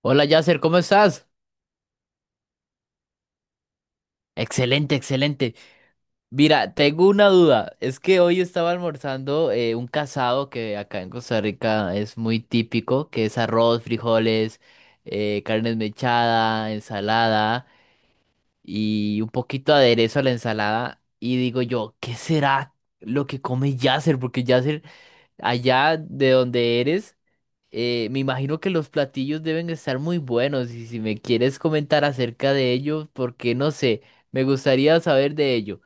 Hola Yasser, ¿cómo estás? Excelente, excelente. Mira, tengo una duda. Es que hoy estaba almorzando un casado que acá en Costa Rica es muy típico, que es arroz, frijoles, carne mechada, ensalada y un poquito de aderezo a la ensalada. Y digo yo, ¿qué será lo que come Yasser? Porque Yasser, allá de donde eres... Me imagino que los platillos deben estar muy buenos y si me quieres comentar acerca de ellos, porque no sé, me gustaría saber de ello.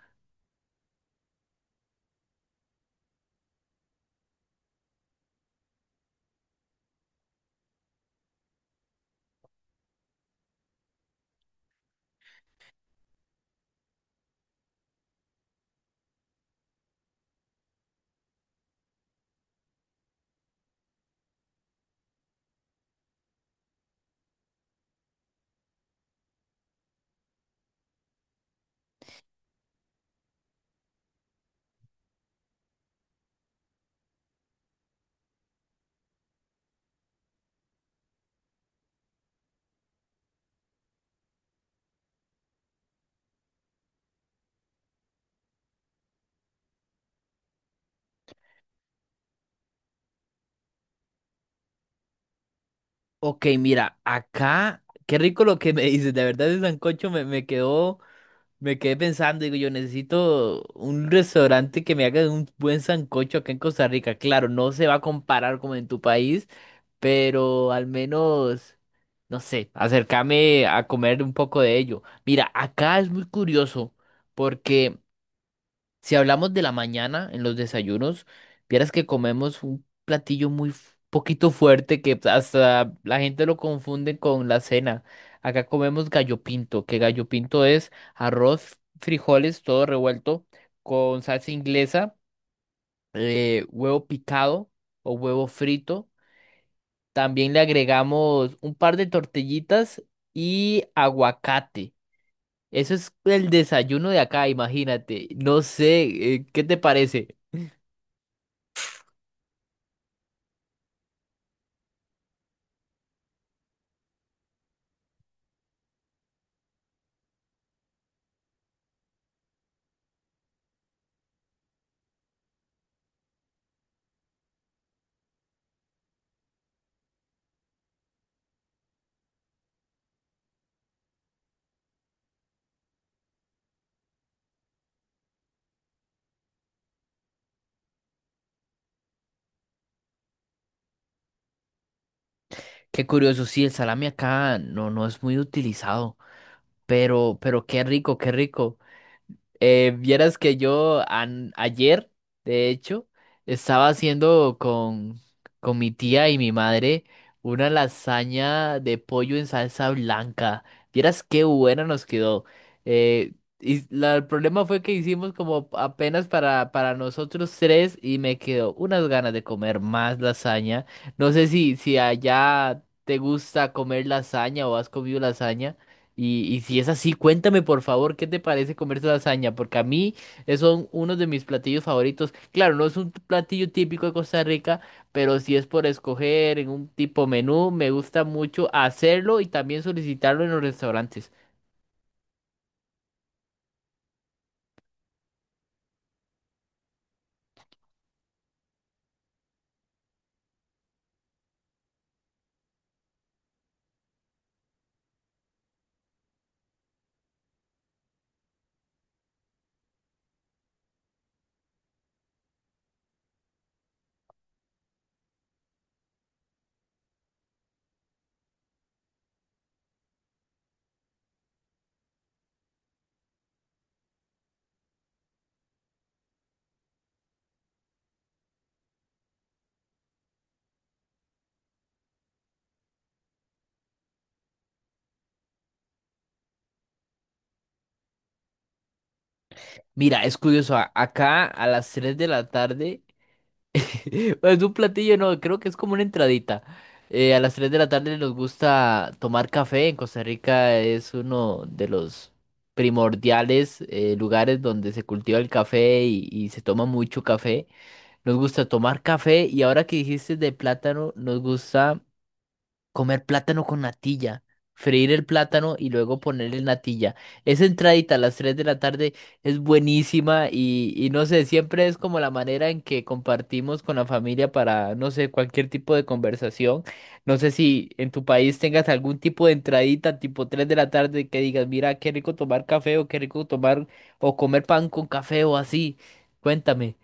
Ok, mira, acá, qué rico lo que me dices, de verdad ese sancocho me quedó, me quedé pensando, digo, yo necesito un restaurante que me haga un buen sancocho acá en Costa Rica. Claro, no se va a comparar como en tu país, pero al menos, no sé, acercame a comer un poco de ello. Mira, acá es muy curioso porque... Si hablamos de la mañana en los desayunos, vieras que comemos un platillo muy poquito fuerte que hasta la gente lo confunde con la cena. Acá comemos gallo pinto, que gallo pinto es arroz, frijoles, todo revuelto, con salsa inglesa, huevo picado o huevo frito. También le agregamos un par de tortillitas y aguacate. Eso es el desayuno de acá, imagínate. No sé, ¿qué te parece? Qué curioso, sí, el salami acá no, no es muy utilizado, pero qué rico, qué rico. Vieras que yo ayer, de hecho, estaba haciendo con mi tía y mi madre una lasaña de pollo en salsa blanca. Vieras qué buena nos quedó. Eh, y el problema fue que hicimos como apenas para nosotros tres y me quedó unas ganas de comer más lasaña. No sé si allá te gusta comer lasaña o has comido lasaña. Y si es así, cuéntame por favor qué te parece comer tu lasaña, porque a mí es son uno de mis platillos favoritos. Claro, no es un platillo típico de Costa Rica, pero si es por escoger en un tipo menú, me gusta mucho hacerlo y también solicitarlo en los restaurantes. Mira, es curioso, acá a las 3 de la tarde es un platillo, no, creo que es como una entradita. A las 3 de la tarde nos gusta tomar café. En Costa Rica es uno de los primordiales lugares donde se cultiva el café y se toma mucho café. Nos gusta tomar café y ahora que dijiste de plátano, nos gusta comer plátano con natilla. Freír el plátano y luego ponerle natilla. Esa entradita a las 3 de la tarde es buenísima y no sé, siempre es como la manera en que compartimos con la familia para, no sé, cualquier tipo de conversación. No sé si en tu país tengas algún tipo de entradita tipo 3 de la tarde que digas, mira, qué rico tomar café o qué rico tomar o comer pan con café o así. Cuéntame.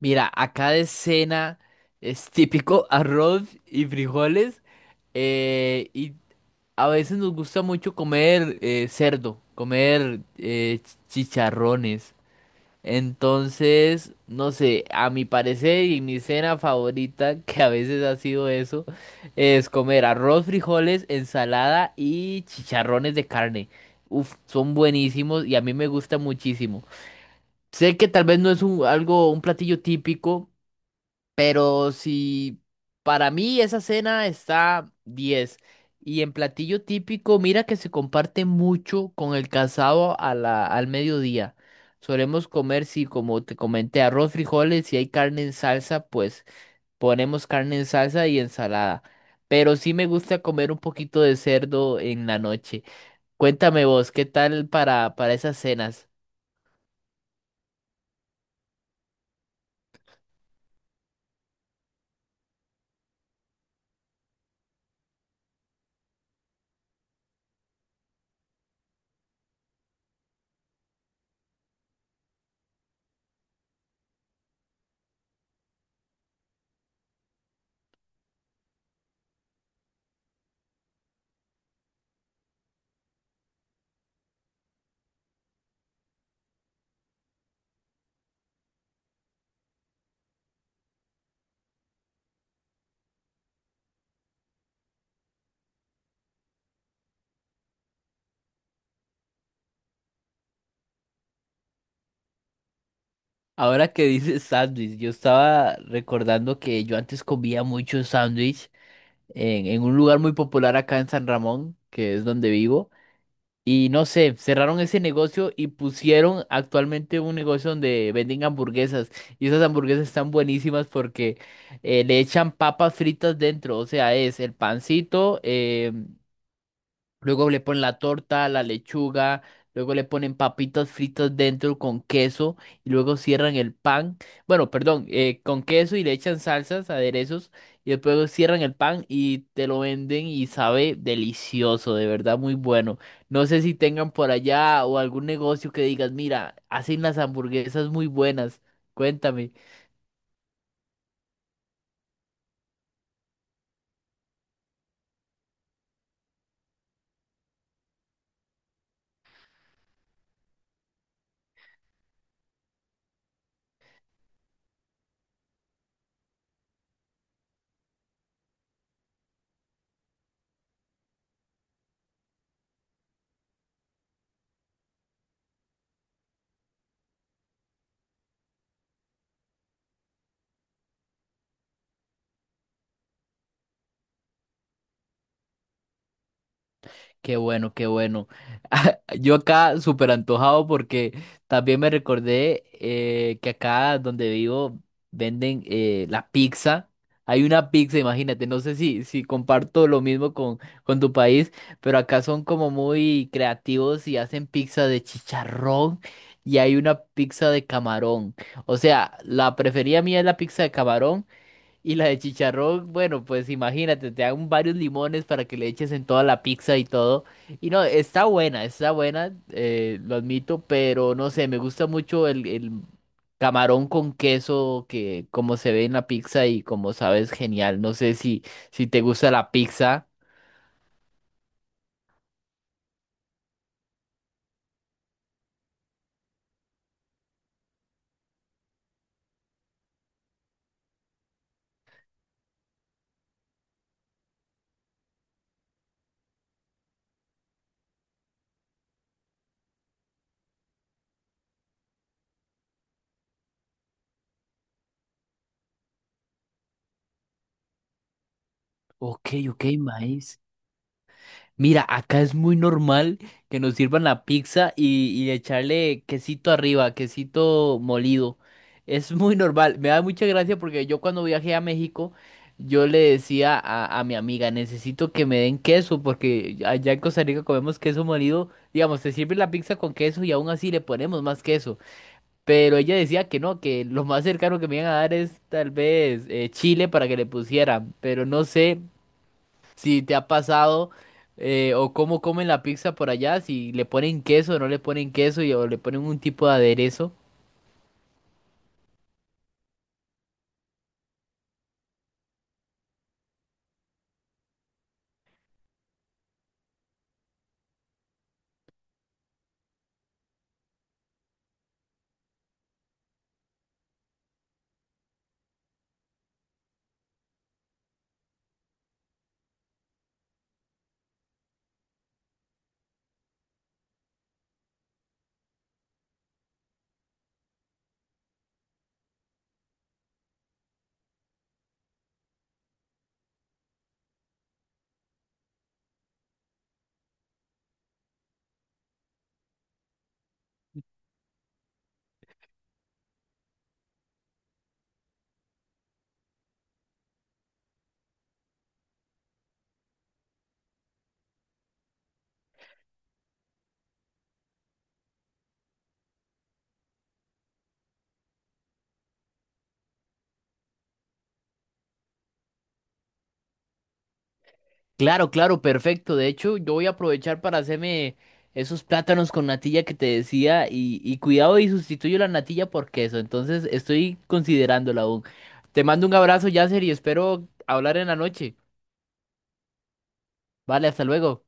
Mira, acá de cena es típico arroz y frijoles. Y a veces nos gusta mucho comer cerdo, comer chicharrones. Entonces, no sé, a mi parecer y mi cena favorita, que a veces ha sido eso, es comer arroz, frijoles, ensalada y chicharrones de carne. Uf, son buenísimos y a mí me gusta muchísimo. Sé que tal vez no es un, algo, un platillo típico. Pero si para mí esa cena está diez. Y en platillo típico, mira que se comparte mucho con el casado a al mediodía. Solemos comer, si como te comenté, arroz, frijoles, si hay carne en salsa, pues ponemos carne en salsa y ensalada. Pero sí me gusta comer un poquito de cerdo en la noche. Cuéntame vos, ¿qué tal para esas cenas? Ahora que dices sándwich, yo estaba recordando que yo antes comía mucho sándwich en un lugar muy popular acá en San Ramón, que es donde vivo. Y no sé, cerraron ese negocio y pusieron actualmente un negocio donde venden hamburguesas. Y esas hamburguesas están buenísimas porque le echan papas fritas dentro. O sea, es el pancito, luego le ponen la torta, la lechuga, luego le ponen papitas fritas dentro con queso y luego cierran el pan, bueno, perdón, con queso y le echan salsas, aderezos y después cierran el pan y te lo venden y sabe delicioso, de verdad muy bueno. No sé si tengan por allá o algún negocio que digas, mira, hacen las hamburguesas muy buenas, cuéntame. Qué bueno, qué bueno. Yo acá súper antojado porque también me recordé que acá donde vivo venden la pizza. Hay una pizza, imagínate, no sé si, si comparto lo mismo con tu país, pero acá son como muy creativos y hacen pizza de chicharrón y hay una pizza de camarón. O sea, la preferida mía es la pizza de camarón. Y la de chicharrón, bueno, pues imagínate, te dan varios limones para que le eches en toda la pizza y todo. Y no, está buena, lo admito, pero no sé, me gusta mucho el camarón con queso que como se ve en la pizza y como sabes, genial. No sé si, si te gusta la pizza. Ok, ok, maíz. Mira, acá es muy normal que nos sirvan la pizza y echarle quesito arriba, quesito molido. Es muy normal. Me da mucha gracia porque yo cuando viajé a México, yo le decía a mi amiga, necesito que me den queso porque allá en Costa Rica comemos queso molido. Digamos, te sirve la pizza con queso y aún así le ponemos más queso. Pero ella decía que no, que lo más cercano que me iban a dar es tal vez chile para que le pusieran. Pero no sé si te ha pasado o cómo comen la pizza por allá, si le ponen queso o no le ponen queso o le ponen un tipo de aderezo. Claro, claro, perfecto. De hecho, yo voy a aprovechar para hacerme esos plátanos con natilla que te decía y cuidado y sustituyo la natilla por queso. Entonces, estoy considerándola aún. Te mando un abrazo, Yasser, y espero hablar en la noche. Vale, hasta luego.